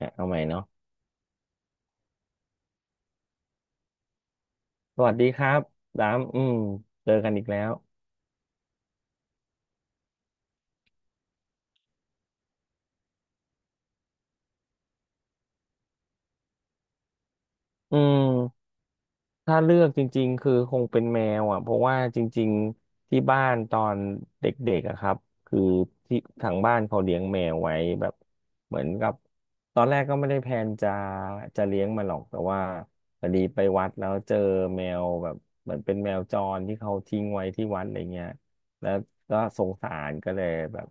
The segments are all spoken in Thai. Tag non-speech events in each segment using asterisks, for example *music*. อ่ะเอาใหม่เนาะสวัสดีครับดามอืมเจอกันอีกแล้วอืมถ้าเลือกจริงๆคือคงเป็นแมวอ่ะเพราะว่าจริงๆที่บ้านตอนเด็กๆอะครับคือที่ทางบ้านเขาเลี้ยงแมวไว้แบบเหมือนกับตอนแรกก็ไม่ได้แพลนจะเลี้ยงมันหรอกแต่ว่าพอดีไปวัดแล้วเจอแมวแบบเหมือนเป็นแมวจรที่เขาทิ้งไว้ที่วัดอะไรเงี้ยแล้วก็สงสารก็เลยแบบ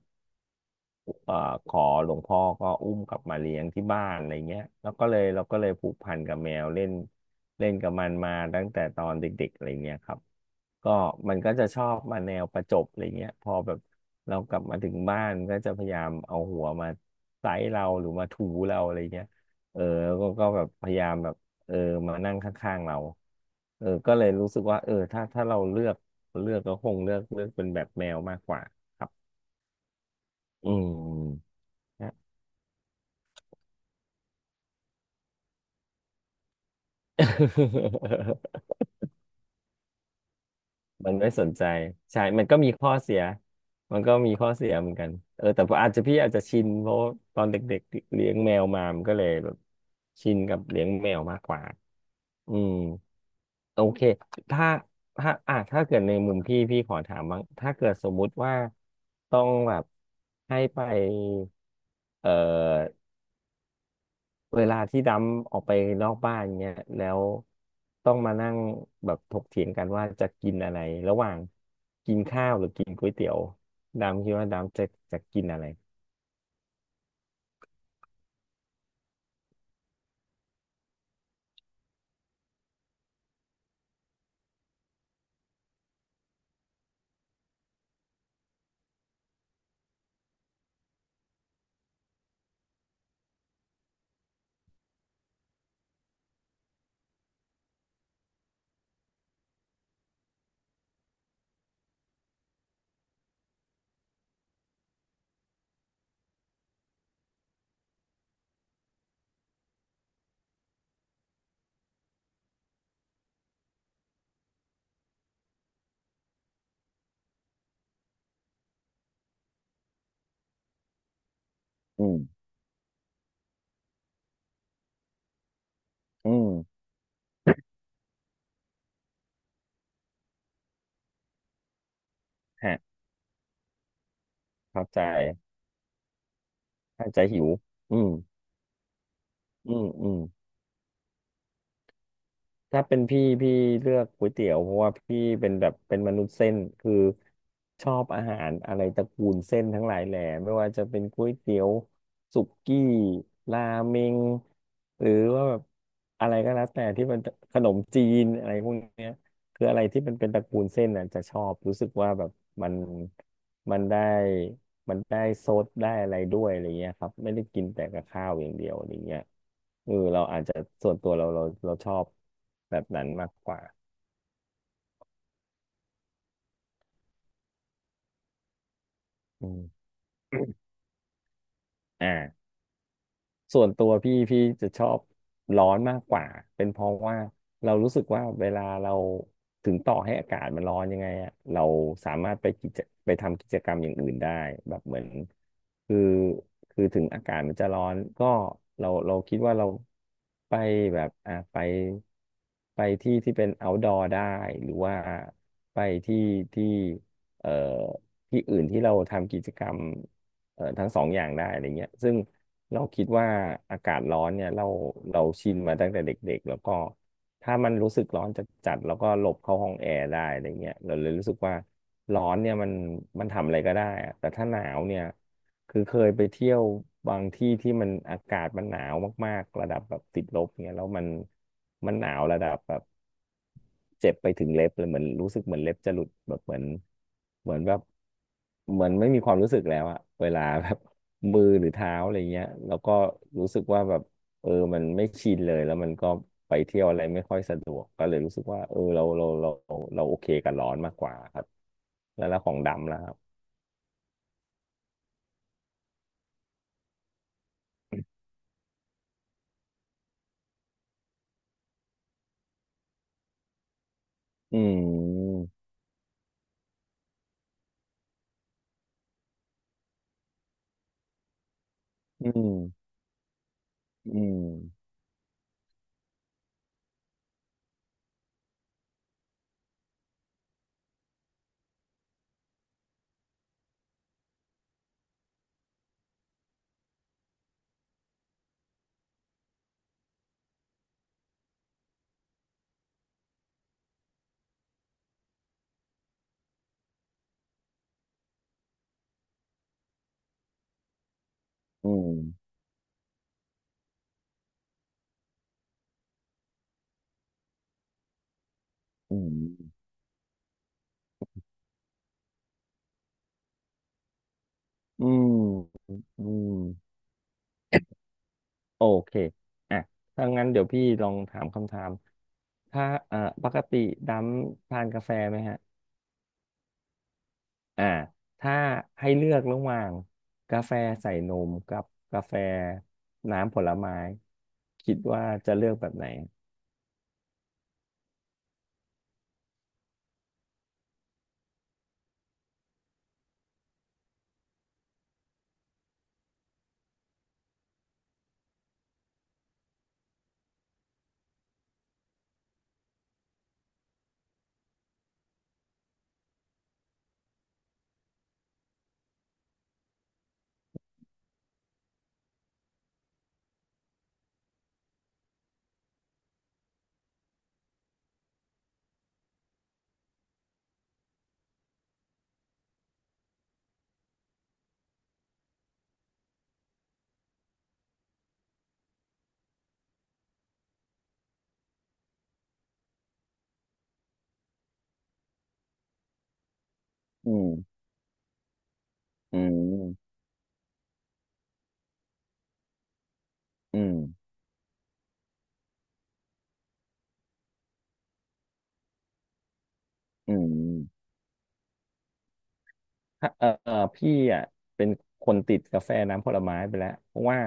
เอ่อขอหลวงพ่อก็อุ้มกลับมาเลี้ยงที่บ้านอะไรเงี้ยแล้วก็เลยเราก็เลยผูกพันกับแมวเล่นเล่นกับมันมาตั้งแต่ตอนเด็กๆอะไรเงี้ยครับก็มันก็จะชอบมาแนวประจบอะไรเงี้ยพอแบบเรากลับมาถึงบ้านก็จะพยายามเอาหัวมาไซเราหรือมาถูเราอะไรเงี้ยเออแล้วก็แบบพยายามแบบเออมานั่งข้างๆเราเออก็เลยรู้สึกว่าเออถ้าเราเลือกก็คงเลือกเป็นแบบแมวมากกว่าครับอืม *laughs* มันไม่สนใจใช่มันก็มีข้อเสีย มันก็มีข้อเสียเหมือนกันเออแต่อาจจะพี่อาจจะชินเพราะตอนเด็กๆเลี้ยงแมวมามันก็เลยแบบชินกับเลี้ยงแมวมากกว่าอืมโอเคถ้าถ้าเกิดในมุมพี่ขอถามบ้างถ้าเกิดสมมุติว่าต้องแบบให้ไปเอ่อ เวลาที่ดำออกไปนอกบ้านเงี้ยแล้วต้องมานั่งแบบถกเถียงกันว่าจะกินอะไรระหว่างกินข้าวหรือกินก๋วยเตี๋ยวดำคิดว่าดำจะกินอะไรอืมอืมฮะเข้าใจเข้าใจหิวอืมอืมอืม ถ้าเป็นพี่เลือกก๋วยเตี๋ยวเพราะว่าพี่เป็นแบบเป็นมนุษย์เส้นคือชอบอาหารอะไรตระกูลเส้นทั้งหลายแหล่ไม่ว่าจะเป็นก๋วยเตี๋ยวสุกี้ราเมงหรือว่าแบบอะไรก็แล้วแต่ที่มันขนมจีนอะไรพวกเนี้ย คืออะไรที่มันเป็นตระกูลเส้นน่ะจะชอบรู้สึกว่าแบบมันมันได้มันได้ซดได้อะไรด้วยอะไรเงี้ยครับไม่ได้กินแต่กับข้าวอย่างเดียวอะไรเงี้ยเออเราอาจจะส่วนตัวเราชอบแบบนั้นมากกว่าอืม *coughs* อ่า ส่วนตัวพี่จะชอบร้อนมากกว่าเป็นเพราะว่าเรารู้สึกว่าเวลาเราถึงต่อให้อากาศมันร้อนยังไงอะเราสามารถไปทำกิจกรรมอย่างอื่นได้แบบเหมือนคือคือถึงอากาศมันจะร้อนก็เราคิดว่าเราไปแบบอ่ะไปที่ที่เป็น outdoor ได้หรือว่าไปที่ที่เอ่อที่อื่นที่เราทำกิจกรรม เอ่อทั้งสองอย่างได้อะไรเงี้ยซึ่งเราคิดว่าอากาศร้อนเนี่ยเราชินมาตั้งแต่เด็กๆแล้วก็ถ้ามันรู้สึกร้อนจัดๆแล้วก็หลบเข้าห้องแอร์ได้อะไรเงี้ยเราเลยรู้สึกว่าร้อนเนี่ยมันทำอะไรก็ได้อะแต่ถ้าหนาวเนี่ยคือเคยไปเที่ยวบางที่ที่มันอากาศมันหนาวมากๆระดับแบบติดลบเนี่ยแล้วมันหนาวระดับแบบ เจ็บไปถึงเล็บเลยเหมือนรู้สึกเหมือนเล็บจะหลุดแบบเหมือนแบบเหมือนไม่มีความรู้สึกแล้วอะเวลาแบบ *laughs* มือหรือเท้าอะไรเงี้ยแล้วก็รู้สึกว่าแบบเออมันไม่ชินเลยแล้วมันก็ไปเที่ยวอะไรไม่ค่อยสะดวกก็เลยรู้สึกว่าเออเราโอเคกับร้อนมากกว่าครับแล้วของดำแล้วครับอืมอืมอืมอืมอืมอืมอืมโอเคอ่ะถ้างั้นเดี๋ยวพี่ลองถามคำถาม ถ้าเอ่อปกติดำทานกาแฟไหมฮะอ่าถ้าให้เลือกระหว่างกาแฟใส่นมกับกาแฟน้ำผลไม้คิดว่าจะเลือกแบบไหนอืมอืมอืมอืม ถ้าเออเอ่อพี่อ่ะเป็นคนติดกาแฟน้ำผลไม้ไปแล้วเพราะว่า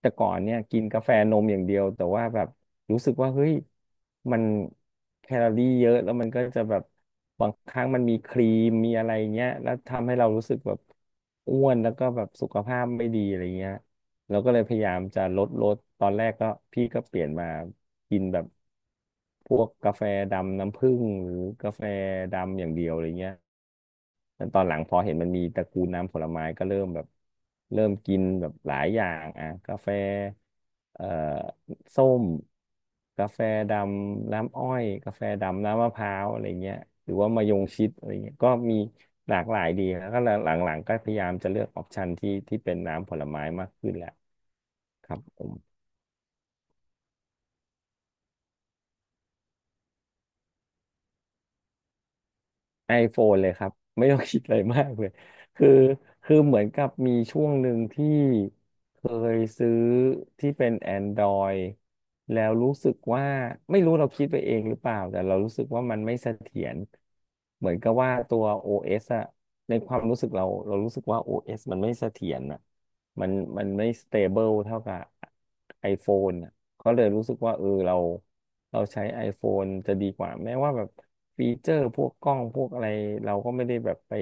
แต่ก่อนเนี่ยกินกาแฟนมอย่างเดียวแต่ว่าแบบรู้สึกว่าเฮ้ยมันแคลอรี่เยอะแล้วมันก็จะแบบบางครั้งมันมีครีมมีอะไรเงี้ยแล้วทำให้เรารู้สึกแบบอ้วนแล้วก็แบบสุขภาพไม่ดีอะไรเงี้ยเราก็เลยพยายามจะลดตอนแรกก็พี่ก็เปลี่ยนมากินแบบพวกกาแฟดำน้ำผึ้งหรือกาแฟดำอย่างเดียวอะไรเงี้ย แล้วตอนหลังพอเห็นมันมีตระกูลน้ำผลไม้ก็เริ่มแบบเริ่มกินแบบหลายอย่างอ่ะกาแฟเอ่อส้มกาแฟดำน้ำอ้อยกาแฟดำน้ำมะพร้าวอะไรเงี้ยหรือว่ามะยงชิดอะไรเงี้ยก็มีหลากหลายดีแล้วก็หลังๆก็พยายามจะเลือกออปชันที่ที่เป็นน้ำผลไม้มากขึ้นแหละครับผม iPhone เลยครับ *laughs* ไม่ต้องคิดอะไรมากเลยคือคือเหมือนกับมีช่วงหนึ่งที่เคยซื้อที่เป็น Android แล้วรู้สึกว่าไม่รู้เราคิดไปเองหรือเปล่าแต่เรารู้สึกว่ามันไม่เสถียรเหมือนกับว่าตัว OS อเอสอะในความรู้สึกเราเรารู้สึกว่า OS มันไม่เสถียรอะมันมันไม่ stable เท่ากับ iPhone อะ ก็เลยรู้สึกว่าเออเราใช้ iPhone จะดีกว่าแม้ว่าแบบฟีเจอร์พวกกล้องพวกอะไรเราก็ไม่ได้แบบไป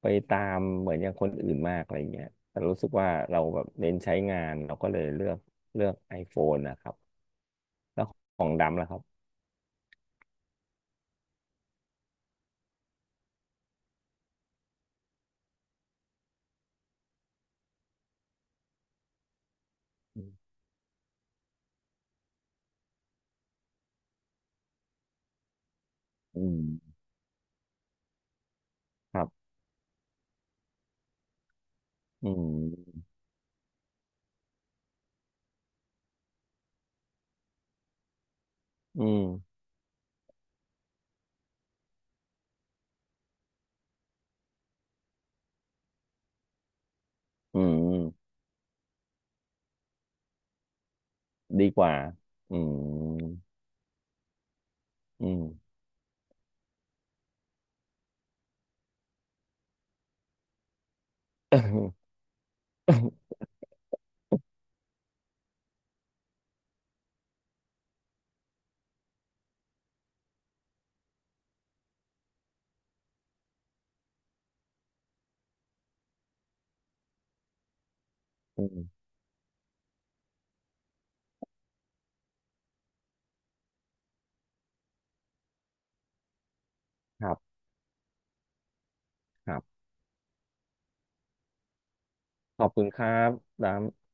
ไปตามเหมือนอย่างคนอื่นมากอะไรเงี้ยแต่รู้สึกว่าเราแบบเน้นใช้งานเราก็เลยเลือก iPhone นะครับแล้วของดำล่ะครับอืมอืมครับอืมอืมอืมดีกว่าอืมอืม *coughs* อืมครับครับขอบคุณครับดำ